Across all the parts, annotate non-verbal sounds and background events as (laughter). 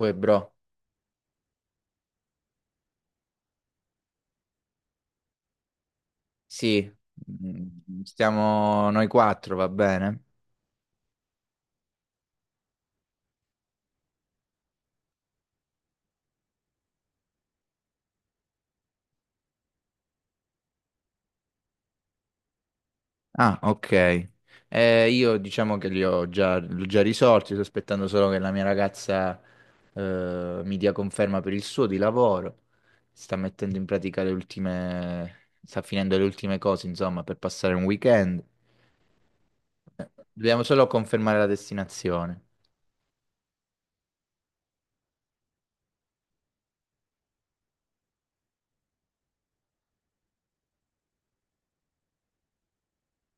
Uè, bro, sì. Stiamo noi quattro, va bene? Ah, ok. Io diciamo che li ho già risolti, sto aspettando solo che la mia ragazza mi dia conferma per il suo di lavoro. Sta mettendo in pratica le ultime, sta finendo le ultime cose, insomma, per passare un weekend. Dobbiamo solo confermare la destinazione.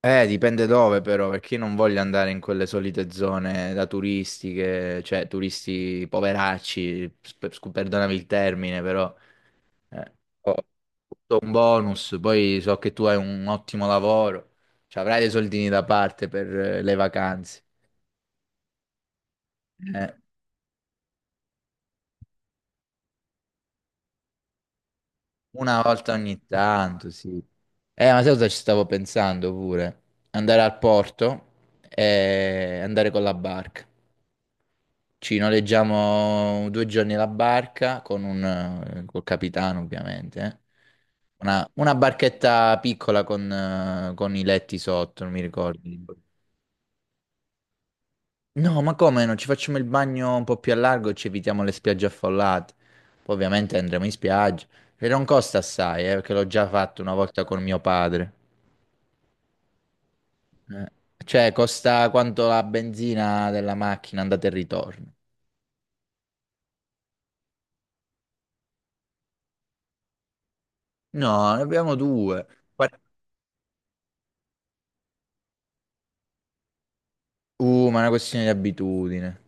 Dipende dove però, perché io non voglio andare in quelle solite zone da turistiche, cioè turisti poveracci, perdonami il termine, però eh, ho ho un bonus, poi so che tu hai un ottimo lavoro, cioè, avrai dei soldini da parte per le vacanze, eh. Una volta ogni tanto, sì. Ma sai cosa ci stavo pensando pure? Andare al porto e andare con la barca. Ci noleggiamo 2 giorni la barca con col capitano, ovviamente, eh. Una barchetta piccola con i letti sotto, non mi ricordo. No, ma come no? Ci facciamo il bagno un po' più a largo e ci evitiamo le spiagge affollate. Poi ovviamente andremo in spiaggia. E non costa assai, perché l'ho già fatto una volta con mio padre. Eh, Cioè, costa quanto la benzina della macchina andata e ritorno. No, ne abbiamo due. Ma è una questione di abitudine.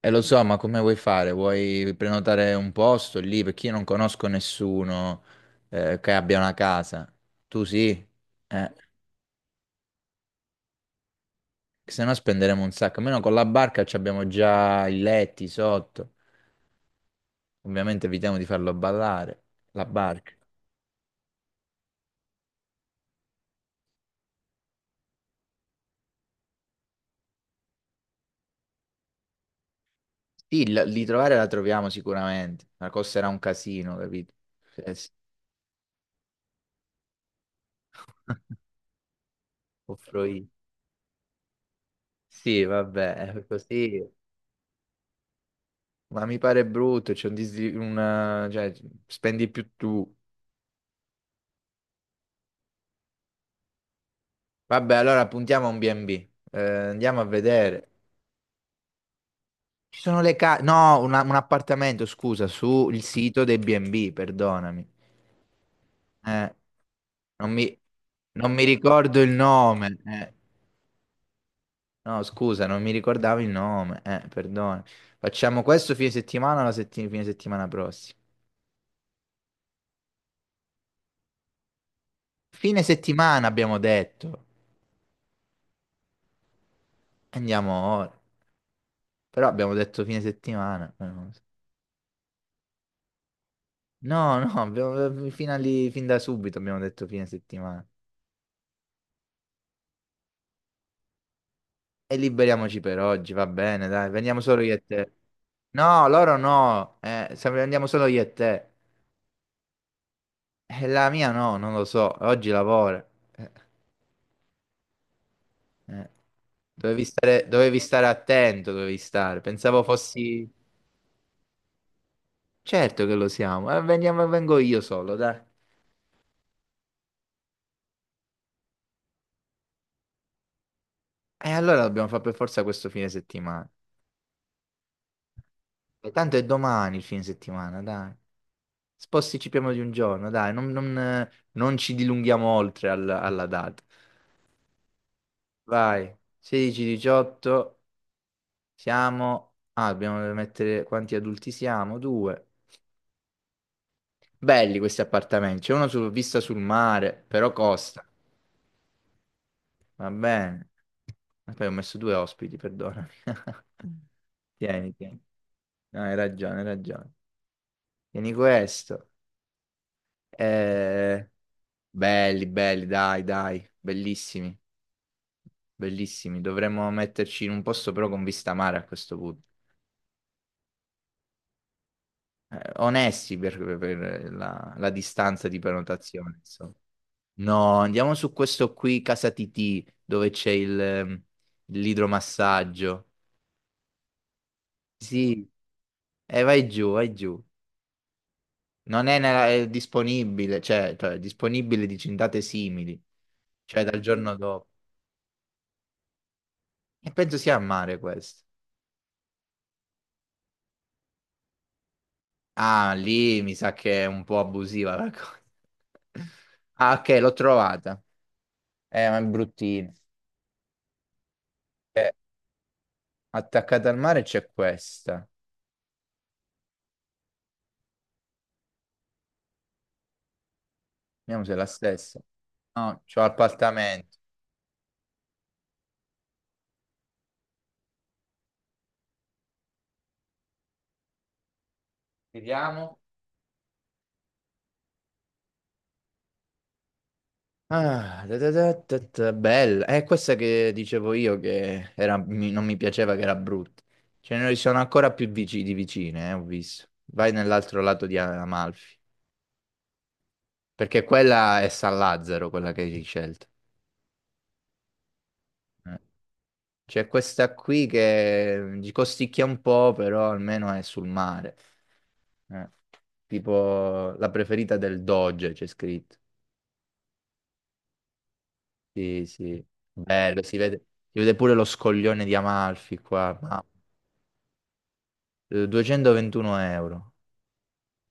E lo so, ma come vuoi fare? Vuoi prenotare un posto lì? Perché io non conosco nessuno che abbia una casa. Tu sì? Eh, se no, spenderemo un sacco. Almeno con la barca ci abbiamo già i letti sotto. Ovviamente evitiamo di farlo ballare. La barca. Sì, di trovare la troviamo sicuramente. Ma costerà un casino, capito? Cioè, sì. (laughs) Offroì. Sì, vabbè, così. Ma mi pare brutto, c'è, cioè, spendi più tu. Vabbè, allora puntiamo a un B&B. Andiamo a vedere. Ci sono le case. No, un appartamento, scusa, sul sito dei B&B, perdonami. Eh, non mi... non mi ricordo il nome, eh. No, scusa, non mi ricordavo il nome. Perdona. Facciamo questo fine settimana o fine settimana prossima? Fine settimana abbiamo detto. Andiamo ora. Però abbiamo detto fine settimana, non lo so. No, no, abbiamo, fino a lì- fin da subito abbiamo detto fine settimana. E liberiamoci per oggi, va bene, dai, veniamo solo io e te. No, loro no, se andiamo solo io e te. La mia no, non lo so, oggi lavora. Eh, eh. Dovevi stare attento, dovevi stare. Pensavo fossi. Certo che lo siamo, vengo io solo, dai. E allora dobbiamo fare per forza questo fine settimana. E tanto è domani il fine settimana, dai. Posticipiamo di un giorno, dai, non ci dilunghiamo oltre alla data. Vai, 16-18, siamo. Ah, dobbiamo mettere quanti adulti siamo? Due. Belli questi appartamenti, c'è uno su, vista sul mare, però costa. Va bene. E poi ho messo due ospiti, perdonami. (laughs) Tieni, tieni. No, hai ragione, hai ragione. Tieni questo. Eh, belli, belli, dai, dai, bellissimi. Bellissimi, dovremmo metterci in un posto però con vista mare a questo punto. Onesti per la distanza di prenotazione, insomma. No, andiamo su questo qui, Casa Titì, dove c'è l'idromassaggio. Sì, e vai giù, vai giù. Non è, nella- È disponibile, cioè, è disponibile dici in date simili, cioè dal giorno dopo. E penso sia a mare questo. Ah, lì mi sa che è un po' abusiva la cosa. (laughs) Ah, ok, l'ho trovata. Ma è bruttina. Eh, attaccata al mare c'è questa. Vediamo se è la stessa. No, c'ho appartamento. Vediamo. Ah, da da da da da, bella. È questa che dicevo io che non mi piaceva, che era brutta. Ce ne sono ancora di vicine, ho visto. Vai nell'altro lato di Amalfi. Perché quella è San Lazzaro, quella che hai scelto. Eh. C'è questa qui che, ci costicchia un po', però almeno è sul mare. Eh, Tipo la preferita del Doge, c'è scritto. Sì, sì. Bello, si vede pure lo scoglione di Amalfi qua. Ma, 221 euro.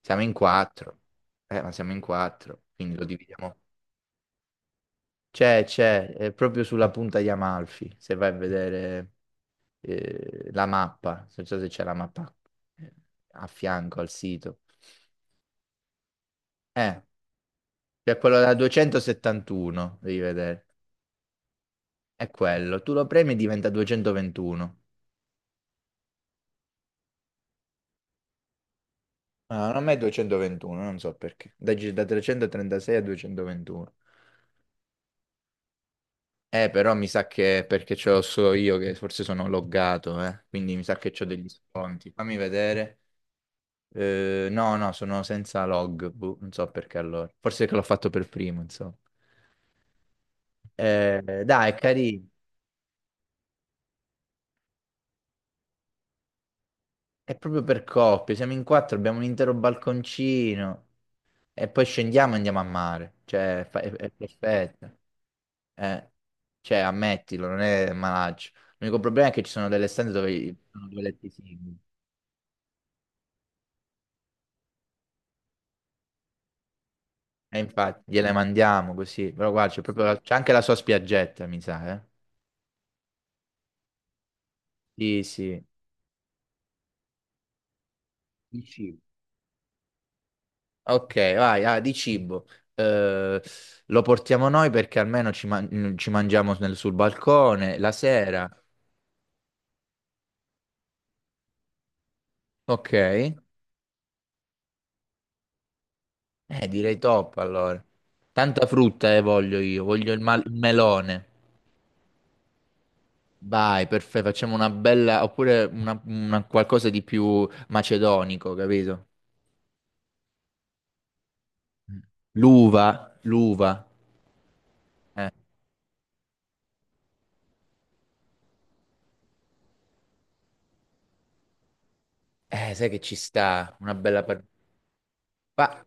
Siamo in quattro. Ma siamo in quattro, quindi lo dividiamo. C'è, è proprio sulla punta di Amalfi, se vai a vedere la mappa, non so se c'è la mappa, eh, a fianco al sito. Eh, c'è quello da 271, devi vedere. È quello. Tu lo premi e diventa 221. Ah, non è 221, non so perché. Da 336 a 221. Però mi sa che è perché ce l'ho solo io, che forse sono loggato, eh. Quindi mi sa che ho degli sconti. Fammi vedere. No, no, sono senza log. Boh, non so perché allora. Forse che l'ho fatto per primo, insomma. Dai, è carino. È proprio per coppie. Siamo in quattro, abbiamo un intero balconcino. E poi scendiamo e andiamo a mare. Cioè, è perfetto. Eh, cioè, ammettilo, non è malaccio. L'unico problema è che ci sono delle stanze dove ci sono due letti singoli. E infatti, gliele mandiamo così. Però guarda, c'è proprio c'è anche la sua spiaggetta, mi sa, eh. Sì, sì. Di cibo. Ok, vai, ah, di cibo. Eh, lo portiamo noi perché almeno ci mangiamo sul balcone la sera. Ok. Direi top allora. Tanta frutta voglio io, voglio il melone. Vai, perfetto, facciamo una bella, oppure una qualcosa di più macedonico, capito? L'uva, l'uva. Sai che ci sta, una bella. Ma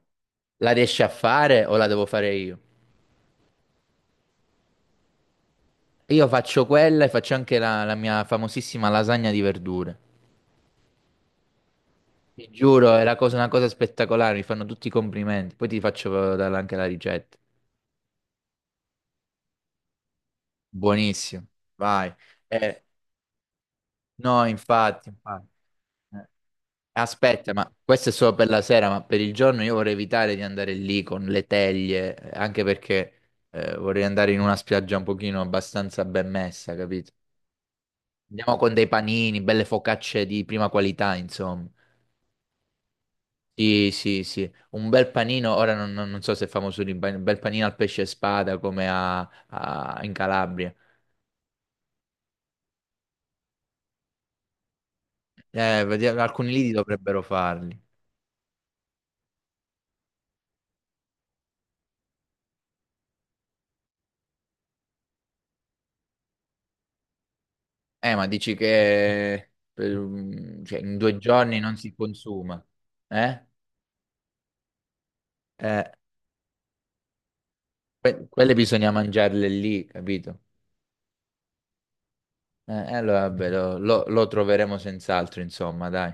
la riesci a fare o la devo fare io? Io faccio quella e faccio anche la mia famosissima lasagna di verdure. Ti giuro, è una cosa spettacolare, mi fanno tutti i complimenti. Poi ti faccio dare anche la ricetta. Buonissimo, vai. Eh, no, infatti, infatti. Eh, Aspetta, ma questo è solo per la sera, ma per il giorno io vorrei evitare di andare lì con le teglie, anche perché vorrei andare in una spiaggia un pochino abbastanza ben messa, capito? Andiamo con dei panini, belle focacce di prima qualità, insomma. Sì, sì, sì, un bel panino, ora non so se è famoso lì, un bel panino al pesce e spada come in Calabria. Alcuni lì dovrebbero farli. Ma dici che per cioè, in 2 giorni non si consuma, eh? Eh, quelle bisogna mangiarle lì, capito? Allora vabbè, lo troveremo senz'altro, insomma, dai.